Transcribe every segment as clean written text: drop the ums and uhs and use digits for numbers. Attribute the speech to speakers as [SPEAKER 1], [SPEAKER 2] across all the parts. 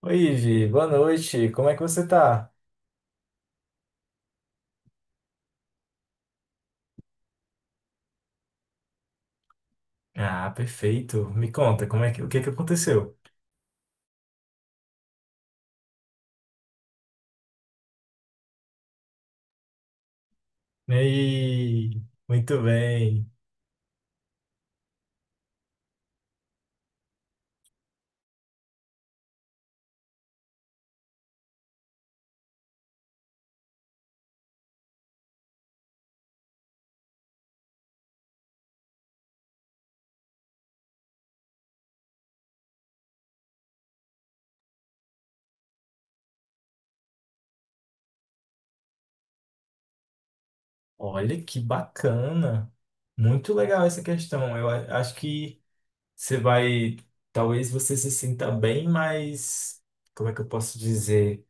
[SPEAKER 1] Oi, Vi, boa noite. Como é que você tá? Ah, perfeito. Me conta, o que que aconteceu? Ei, muito bem. Olha que bacana. Muito legal essa questão. Acho que você vai, talvez você se sinta bem, mas como é que eu posso dizer?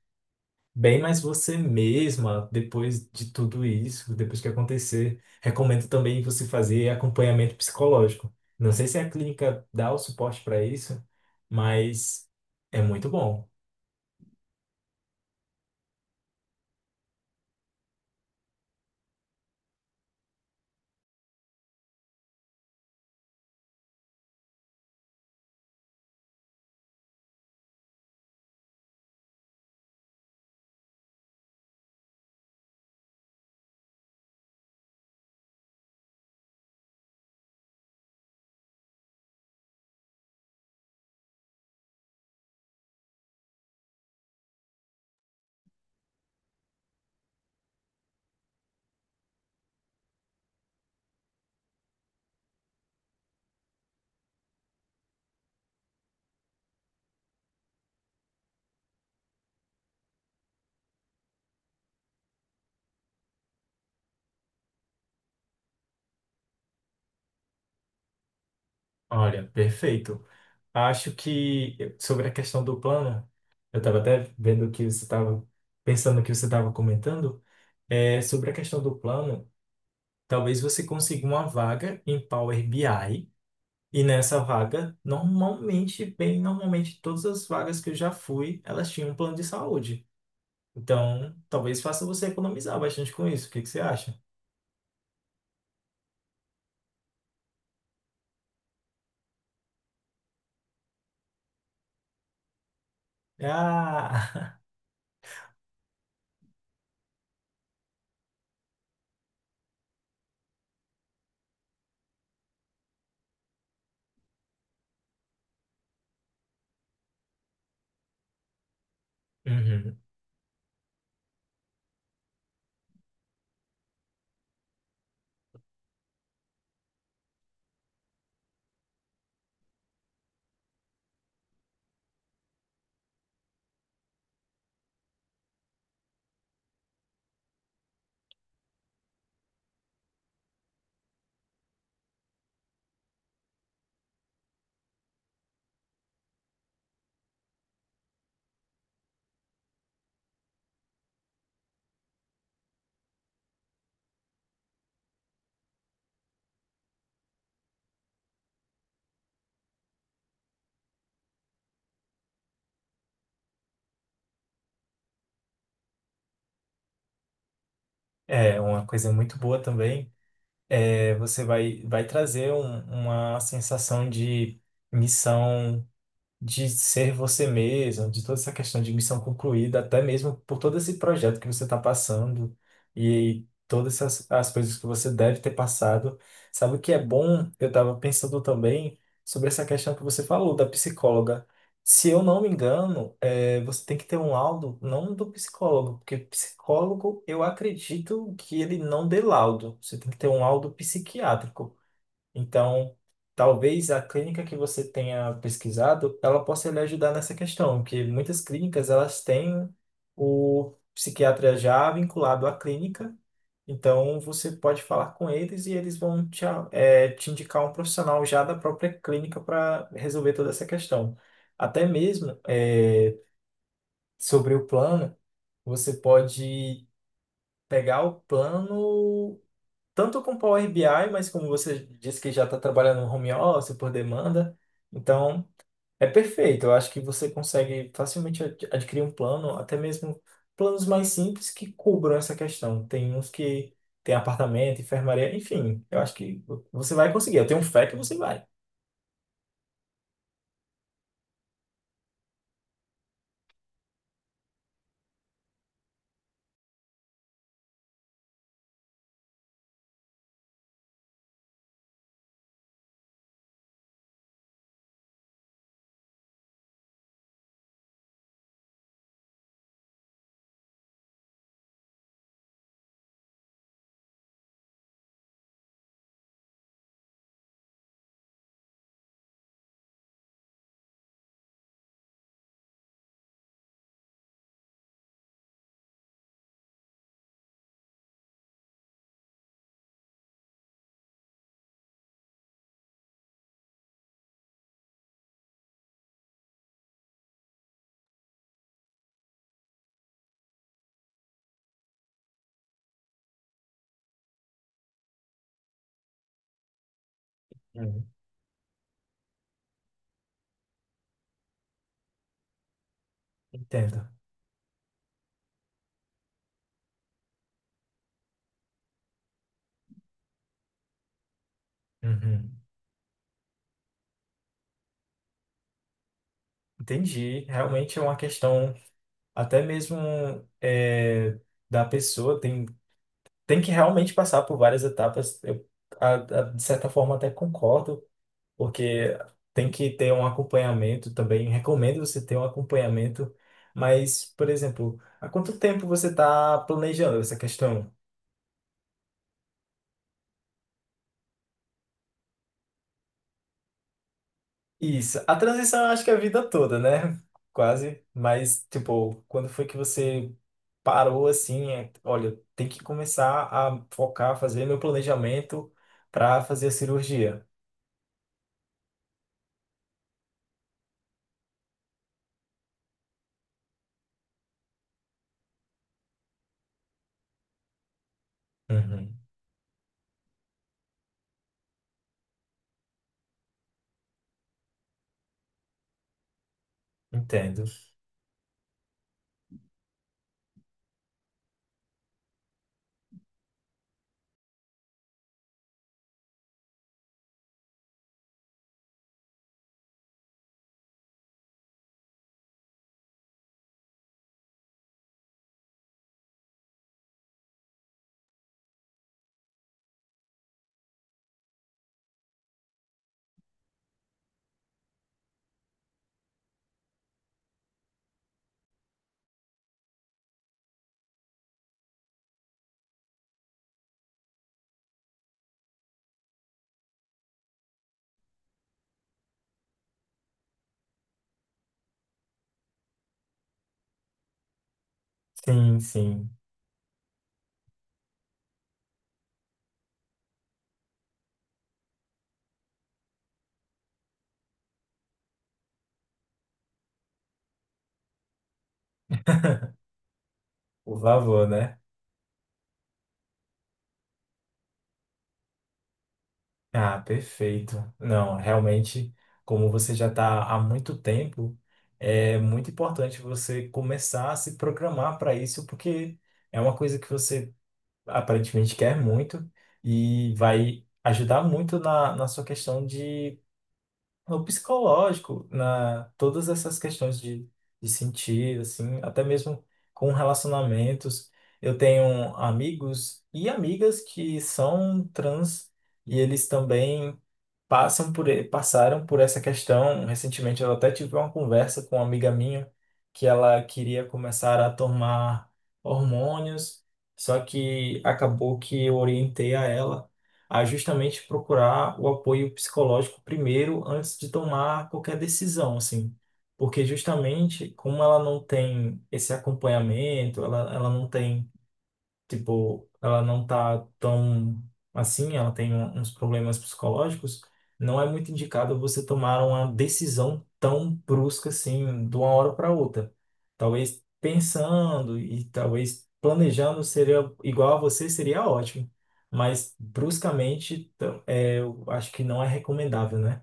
[SPEAKER 1] Bem mais você mesma depois de tudo isso, depois que acontecer. Recomendo também você fazer acompanhamento psicológico. Não sei se a clínica dá o suporte para isso, mas é muito bom. Olha, perfeito. Acho que sobre a questão do plano, eu estava até vendo que você estava comentando, sobre a questão do plano, talvez você consiga uma vaga em Power BI. E nessa vaga, normalmente, bem normalmente, todas as vagas que eu já fui, elas tinham um plano de saúde. Então, talvez faça você economizar bastante com isso. O que que você acha? Ah! Uhum. É, uma coisa muito boa também é vai trazer uma sensação de missão, de ser você mesmo, de toda essa questão de missão concluída, até mesmo por todo esse projeto que você está passando e todas essas, as coisas que você deve ter passado. Sabe o que é bom? Eu estava pensando também sobre essa questão que você falou da psicóloga. Se eu não me engano, você tem que ter um laudo, não do psicólogo, porque psicólogo eu acredito que ele não dê laudo. Você tem que ter um laudo psiquiátrico. Então, talvez a clínica que você tenha pesquisado, ela possa lhe ajudar nessa questão, porque muitas clínicas elas têm o psiquiatra já vinculado à clínica, então você pode falar com eles e eles vão te, te indicar um profissional já da própria clínica para resolver toda essa questão. Até mesmo sobre o plano, você pode pegar o plano tanto com Power BI, mas como você disse que já está trabalhando no home office por demanda, então é perfeito. Eu acho que você consegue facilmente adquirir um plano, até mesmo planos mais simples que cubram essa questão. Tem uns que tem apartamento, enfermaria, enfim, eu acho que você vai conseguir. Eu tenho fé que você vai. Uhum. Entendo. Uhum. Entendi. Realmente é uma questão até mesmo é, da pessoa. Tem que realmente passar por várias etapas. De certa forma, até concordo, porque tem que ter um acompanhamento também. Recomendo você ter um acompanhamento. Mas, por exemplo, há quanto tempo você está planejando essa questão? Isso. A transição, eu acho que é a vida toda, né? Quase. Mas, tipo, quando foi que você parou assim? Olha, tem que começar a focar, fazer meu planejamento para fazer a cirurgia. Uhum. Entendo. Sim, sim. Por favor, né? Ah, perfeito. Não, realmente, como você já está há muito tempo, é muito importante você começar a se programar para isso, porque é uma coisa que você aparentemente quer muito e vai ajudar muito na sua questão de o psicológico, na todas essas questões de sentir, assim, até mesmo com relacionamentos. Eu tenho amigos e amigas que são trans e eles também passaram por essa questão. Recentemente, eu até tive uma conversa com uma amiga minha que ela queria começar a tomar hormônios, só que acabou que eu orientei a ela a justamente procurar o apoio psicológico primeiro, antes de tomar qualquer decisão, assim. Porque justamente como ela não tem esse acompanhamento, ela não tem tipo, ela não tá tão assim, ela tem uns problemas psicológicos, não é muito indicado você tomar uma decisão tão brusca assim, de uma hora para outra. Talvez pensando e talvez planejando seria igual a você, seria ótimo. Mas bruscamente, eu acho que não é recomendável, né?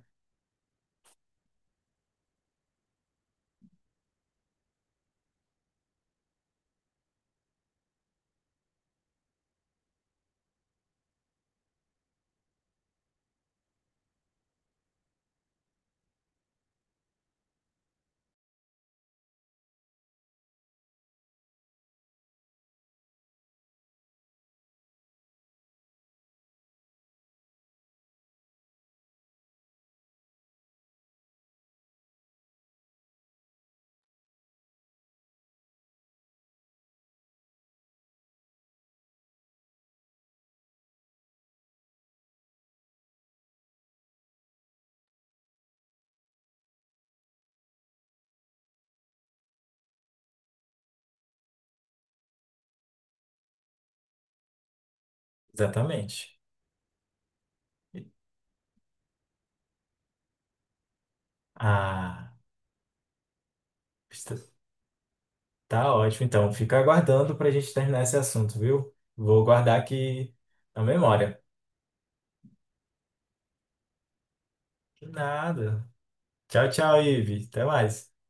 [SPEAKER 1] Exatamente. Ah, tá ótimo, então. Fica aguardando para a gente terminar esse assunto, viu? Vou guardar aqui na memória. De nada. Tchau, tchau, Ive. Até mais.